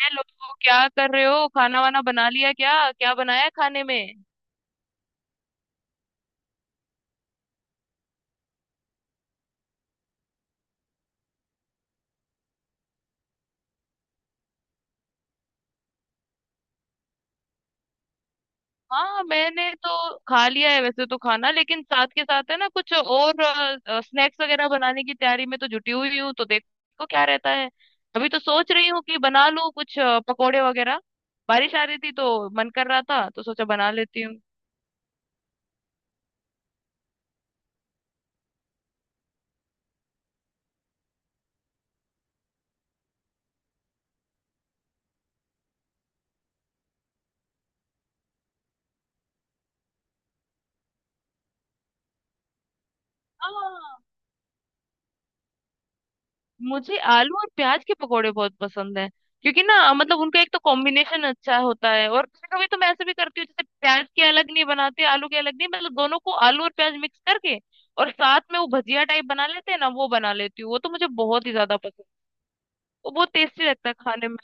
Hello. क्या कर रहे हो? खाना वाना बना लिया? क्या क्या बनाया है खाने में? हाँ, मैंने तो खा लिया है वैसे तो खाना, लेकिन साथ के साथ है ना कुछ और स्नैक्स वगैरह बनाने की तैयारी में तो जुटी हुई हूँ। तो देखो क्या रहता है। अभी तो सोच रही हूँ कि बना लूँ कुछ पकोड़े वगैरह। बारिश आ रही थी तो मन कर रहा था, तो सोचा बना लेती हूँ। हाँ, मुझे आलू और प्याज के पकोड़े बहुत पसंद है क्योंकि ना मतलब उनका एक तो कॉम्बिनेशन अच्छा होता है। और कभी कभी तो मैं ऐसे भी करती हूँ, जैसे प्याज के अलग नहीं बनाते, आलू के अलग नहीं, मतलब दोनों को आलू और प्याज मिक्स करके और साथ में वो भजिया टाइप बना लेते हैं ना, वो बना लेती हूँ। वो तो मुझे बहुत ही ज्यादा पसंद है। वो बहुत टेस्टी लगता है खाने में।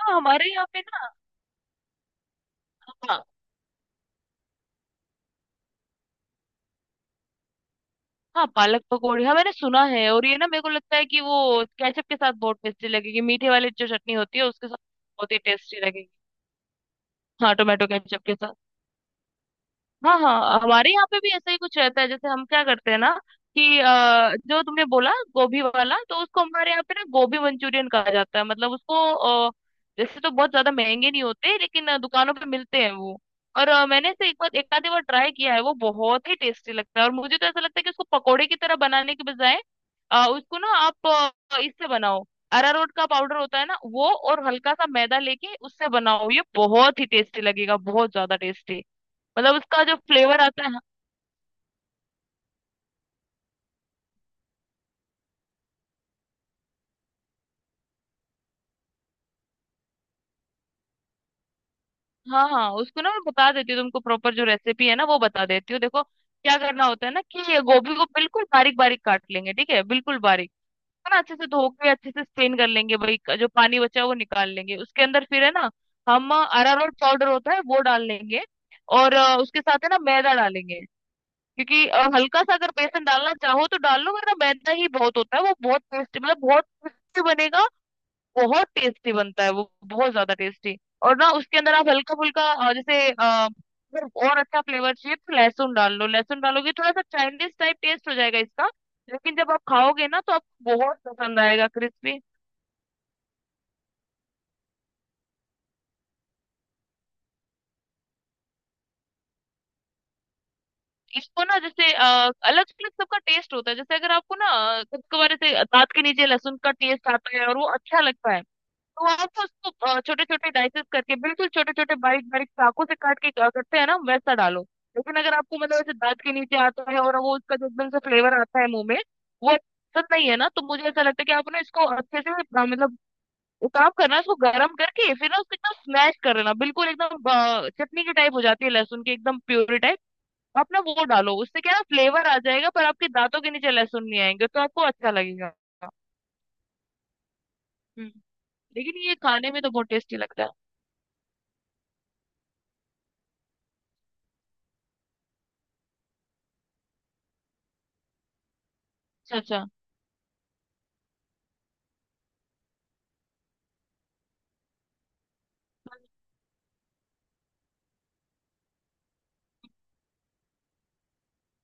हाँ, हमारे यहाँ पे ना। हाँ हाँ, पालक पकौड़ी, हाँ मैंने सुना है। और ये ना मेरे को लगता है कि वो केचप के साथ बहुत टेस्टी लगेगी। मीठे वाली जो चटनी होती है उसके साथ बहुत ही टेस्टी लगेगी। हाँ, टोमेटो केचप के साथ। हाँ हाँ, हमारे यहाँ पे भी ऐसा ही कुछ रहता है। जैसे हम क्या करते हैं ना कि जो तुमने बोला गोभी वाला, तो उसको हमारे यहाँ पे ना गोभी मंचूरियन कहा जाता है। मतलब उसको जैसे तो बहुत ज्यादा महंगे नहीं होते, लेकिन दुकानों पे मिलते हैं वो। और मैंने इसे एक बार एक आधी बार ट्राई किया है, वो बहुत ही टेस्टी लगता है। और मुझे तो ऐसा लगता है कि उसको पकोड़े की तरह बनाने के बजाय उसको ना आप इससे बनाओ। अरारोट का पाउडर होता है ना वो, और हल्का सा मैदा लेके उससे बनाओ, ये बहुत ही टेस्टी लगेगा, बहुत ज्यादा टेस्टी। मतलब उसका जो फ्लेवर आता है। हाँ हाँ, उसको ना मैं बता देती हूँ तुमको, प्रॉपर जो रेसिपी है ना वो बता देती हूँ। देखो क्या करना होता है ना, कि ये गोभी को बिल्कुल बारीक बारीक काट लेंगे, ठीक है, बिल्कुल बारीक। है ना, अच्छे से धो के अच्छे से स्ट्रेन कर लेंगे भाई, जो पानी बचा है वो निकाल लेंगे। उसके अंदर फिर है ना हम अरारोट पाउडर होता है वो डाल लेंगे। और उसके साथ है ना मैदा डालेंगे। क्योंकि हल्का सा अगर बेसन डालना चाहो तो डाल लो, वरना मैदा ही बहुत होता है। वो बहुत टेस्ट, मतलब बहुत टेस्टी बनेगा। बहुत टेस्टी बनता है वो, बहुत ज्यादा टेस्टी। और ना उसके अंदर आप हल्का फुल्का जैसे अगर और अच्छा फ्लेवर चाहिए तो लहसुन डाल लो। लहसुन डालोगे थोड़ा सा चाइनीज टाइप टेस्ट हो जाएगा इसका। लेकिन जब आप खाओगे ना तो आपको बहुत पसंद आएगा, क्रिस्पी। इसको ना, जैसे अलग अलग सबका टेस्ट होता है। जैसे अगर आपको ना कभी कभार ऐसे दांत के नीचे लहसुन का टेस्ट आता है और वो अच्छा लगता है, हाँ, तो आप उसको छोटे छोटे डाइसेस करके, बिल्कुल छोटे छोटे बारीक बारीक चाकू से काट के क्या करते हैं ना, वैसा डालो। लेकिन अगर आपको मतलब ऐसे दांत के नीचे आता है और वो उसका जो एकदम से फ्लेवर आता है मुंह में, वो पसंद नहीं है ना, तो मुझे ऐसा लगता है कि आप ना इसको अच्छे से मतलब एक काम करना, इसको गर्म करके फिर ना उसको एकदम स्मैश कर लेना, बिल्कुल एकदम चटनी की टाइप हो जाती है लहसुन की, एकदम प्यूरी टाइप। आप ना वो डालो, उससे क्या है ना फ्लेवर आ जाएगा, पर आपके दांतों के नीचे लहसुन नहीं आएंगे तो आपको अच्छा लगेगा। हम्म, लेकिन ये खाने में तो बहुत टेस्टी लगता है। अच्छा अच्छा।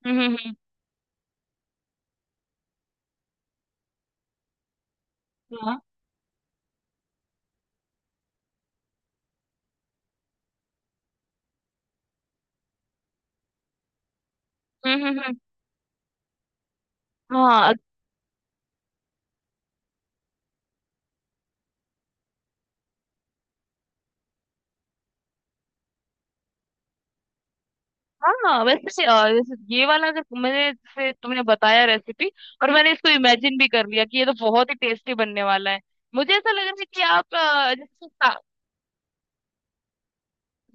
हम्म हम्म हम्म। हाँ। हम्म हम्म, हम्म, हाँ। हाँ, वैसे से, जैसे ये वाला, अगर मैंने जैसे तुमने बताया रेसिपी, और मैंने इसको इमेजिन भी कर लिया कि ये तो बहुत ही टेस्टी बनने वाला है। मुझे ऐसा लग रहा है कि आप जैसे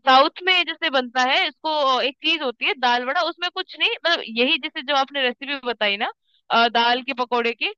साउथ में जैसे बनता है, इसको एक चीज होती है दाल बड़ा, उसमें कुछ नहीं मतलब यही जैसे जो आपने रेसिपी बताई ना, दाल के पकौड़े की,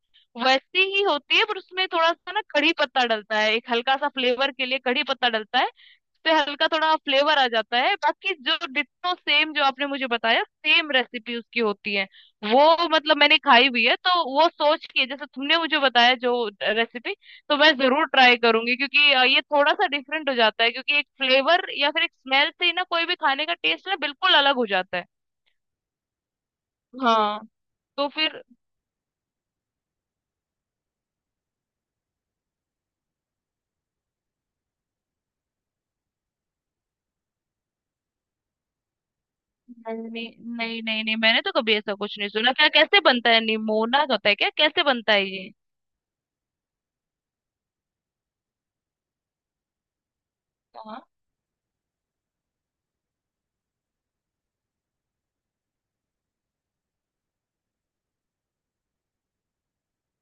वैसी ही होती है। पर उसमें थोड़ा सा ना कढ़ी पत्ता डलता है, एक हल्का सा फ्लेवर के लिए कढ़ी पत्ता डलता है, उससे हल्का थोड़ा फ्लेवर आ जाता है, बाकी जो डिट्टो सेम जो आपने मुझे बताया सेम रेसिपी उसकी होती है। वो मतलब मैंने खाई हुई है, तो वो सोच के जैसे तुमने मुझे बताया जो रेसिपी, तो मैं जरूर ट्राई करूंगी। क्योंकि ये थोड़ा सा डिफरेंट हो जाता है, क्योंकि एक फ्लेवर या फिर एक स्मेल से ही ना कोई भी खाने का टेस्ट ना बिल्कुल अलग हो जाता है। हाँ, तो फिर। नहीं नहीं, नहीं नहीं मैंने तो कभी ऐसा कुछ नहीं सुना। क्या, कैसे बनता है? निमोना होता है क्या, कैसे बनता है ये? हाँ।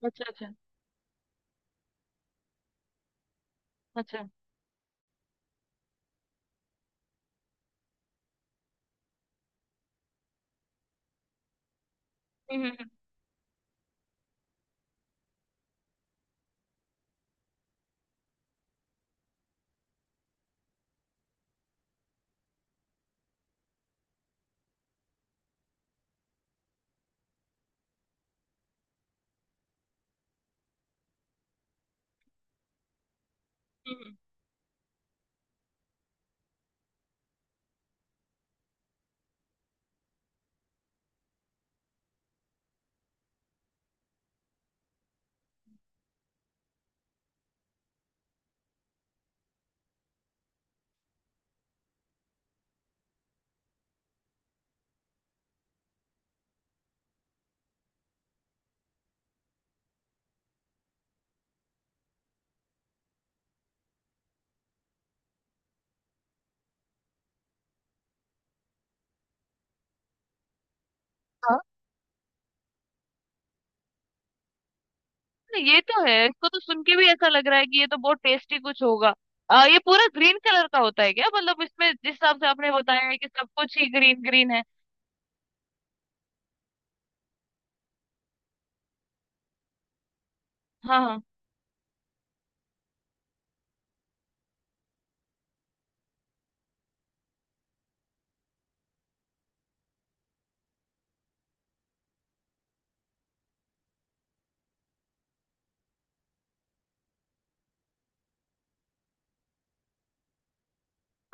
अच्छा अच्छा अच्छा। हम्म हम्म, हम्म। हम्म, हाँ, ये तो है। इसको तो सुन के भी ऐसा लग रहा है कि ये तो बहुत टेस्टी कुछ होगा। आ, ये पूरा ग्रीन कलर का होता है क्या? मतलब इसमें जिस हिसाब से आपने बताया है कि सब कुछ ही ग्रीन ग्रीन है। हाँ।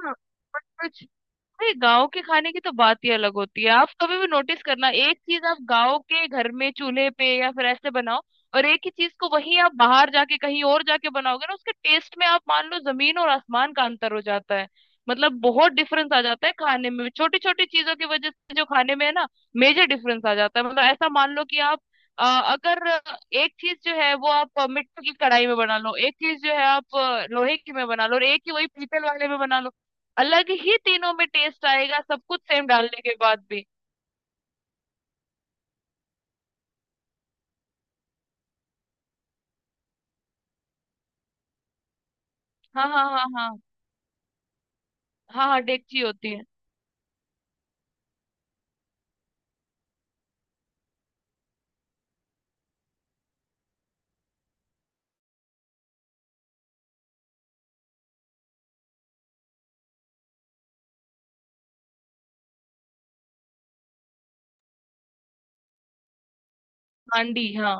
हाँ हाँ, अरे गाँव के खाने की तो बात ही अलग होती है। आप कभी भी नोटिस करना एक चीज, आप गाँव के घर में चूल्हे पे या फिर ऐसे बनाओ, और एक ही चीज को वही आप बाहर जाके कहीं और जाके बनाओगे ना, उसके टेस्ट में आप मान लो जमीन और आसमान का अंतर हो जाता है। मतलब बहुत डिफरेंस आ जाता है खाने में, छोटी छोटी चीजों की वजह से जो खाने में है ना, मेजर डिफरेंस आ जाता है। मतलब ऐसा मान लो कि आप अ, अगर एक चीज जो है वो आप मिट्टी की कढ़ाई में बना लो, एक चीज जो है आप लोहे की में बना लो, और एक ही वही पीतल वाले में बना लो, अलग ही तीनों में टेस्ट आएगा सब कुछ सेम डालने के बाद भी। हाँ हाँ हाँ हाँ। हाँ हाँ, डेगची होती है। हांडी, हाँ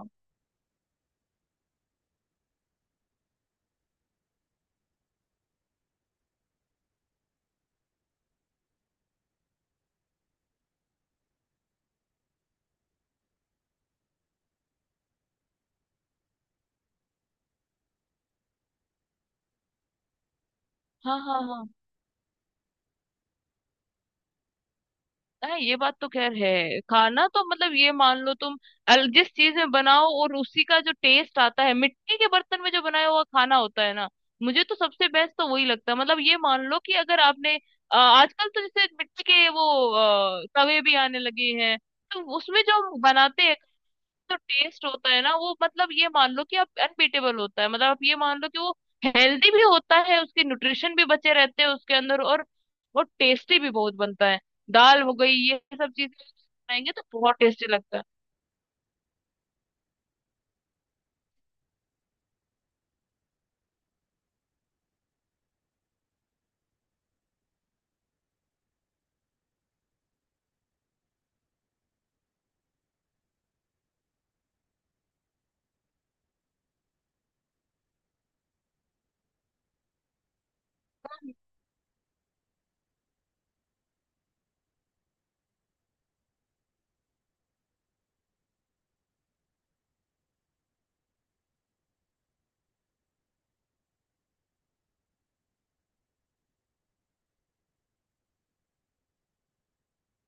हाँ हाँ हाँ। हाँ, ये बात तो खैर है। खाना तो मतलब ये मान लो तुम अल जिस चीज में बनाओ, और उसी का जो टेस्ट आता है मिट्टी के बर्तन में जो बनाया हुआ खाना होता है ना, मुझे तो सबसे बेस्ट तो वही लगता है। मतलब ये मान लो कि अगर आपने आजकल तो जैसे मिट्टी के वो तवे भी आने लगे हैं, तो उसमें जो हम बनाते हैं जो टेस्ट होता है ना, वो मतलब ये मान लो कि आप अनबीटेबल होता है। मतलब आप ये मान लो कि वो हेल्दी भी होता है, उसके न्यूट्रिशन भी बचे रहते हैं उसके अंदर, और वो टेस्टी भी बहुत बनता है। दाल हो गई ये सब चीजें खाएंगे तो बहुत टेस्टी लगता है।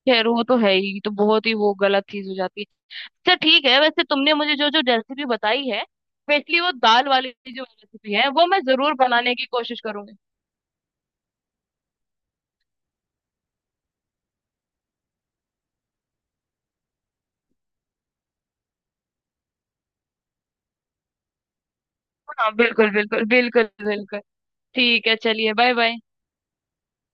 खैर, वो तो है ही, तो बहुत ही वो गलत चीज हो जाती है। अच्छा ठीक है, वैसे तुमने मुझे जो जो रेसिपी बताई है, स्पेशली वो दाल वाली जो रेसिपी है, वो मैं जरूर बनाने की कोशिश करूंगी। हाँ बिल्कुल बिल्कुल बिल्कुल बिल्कुल। ठीक है, चलिए, बाय बाय।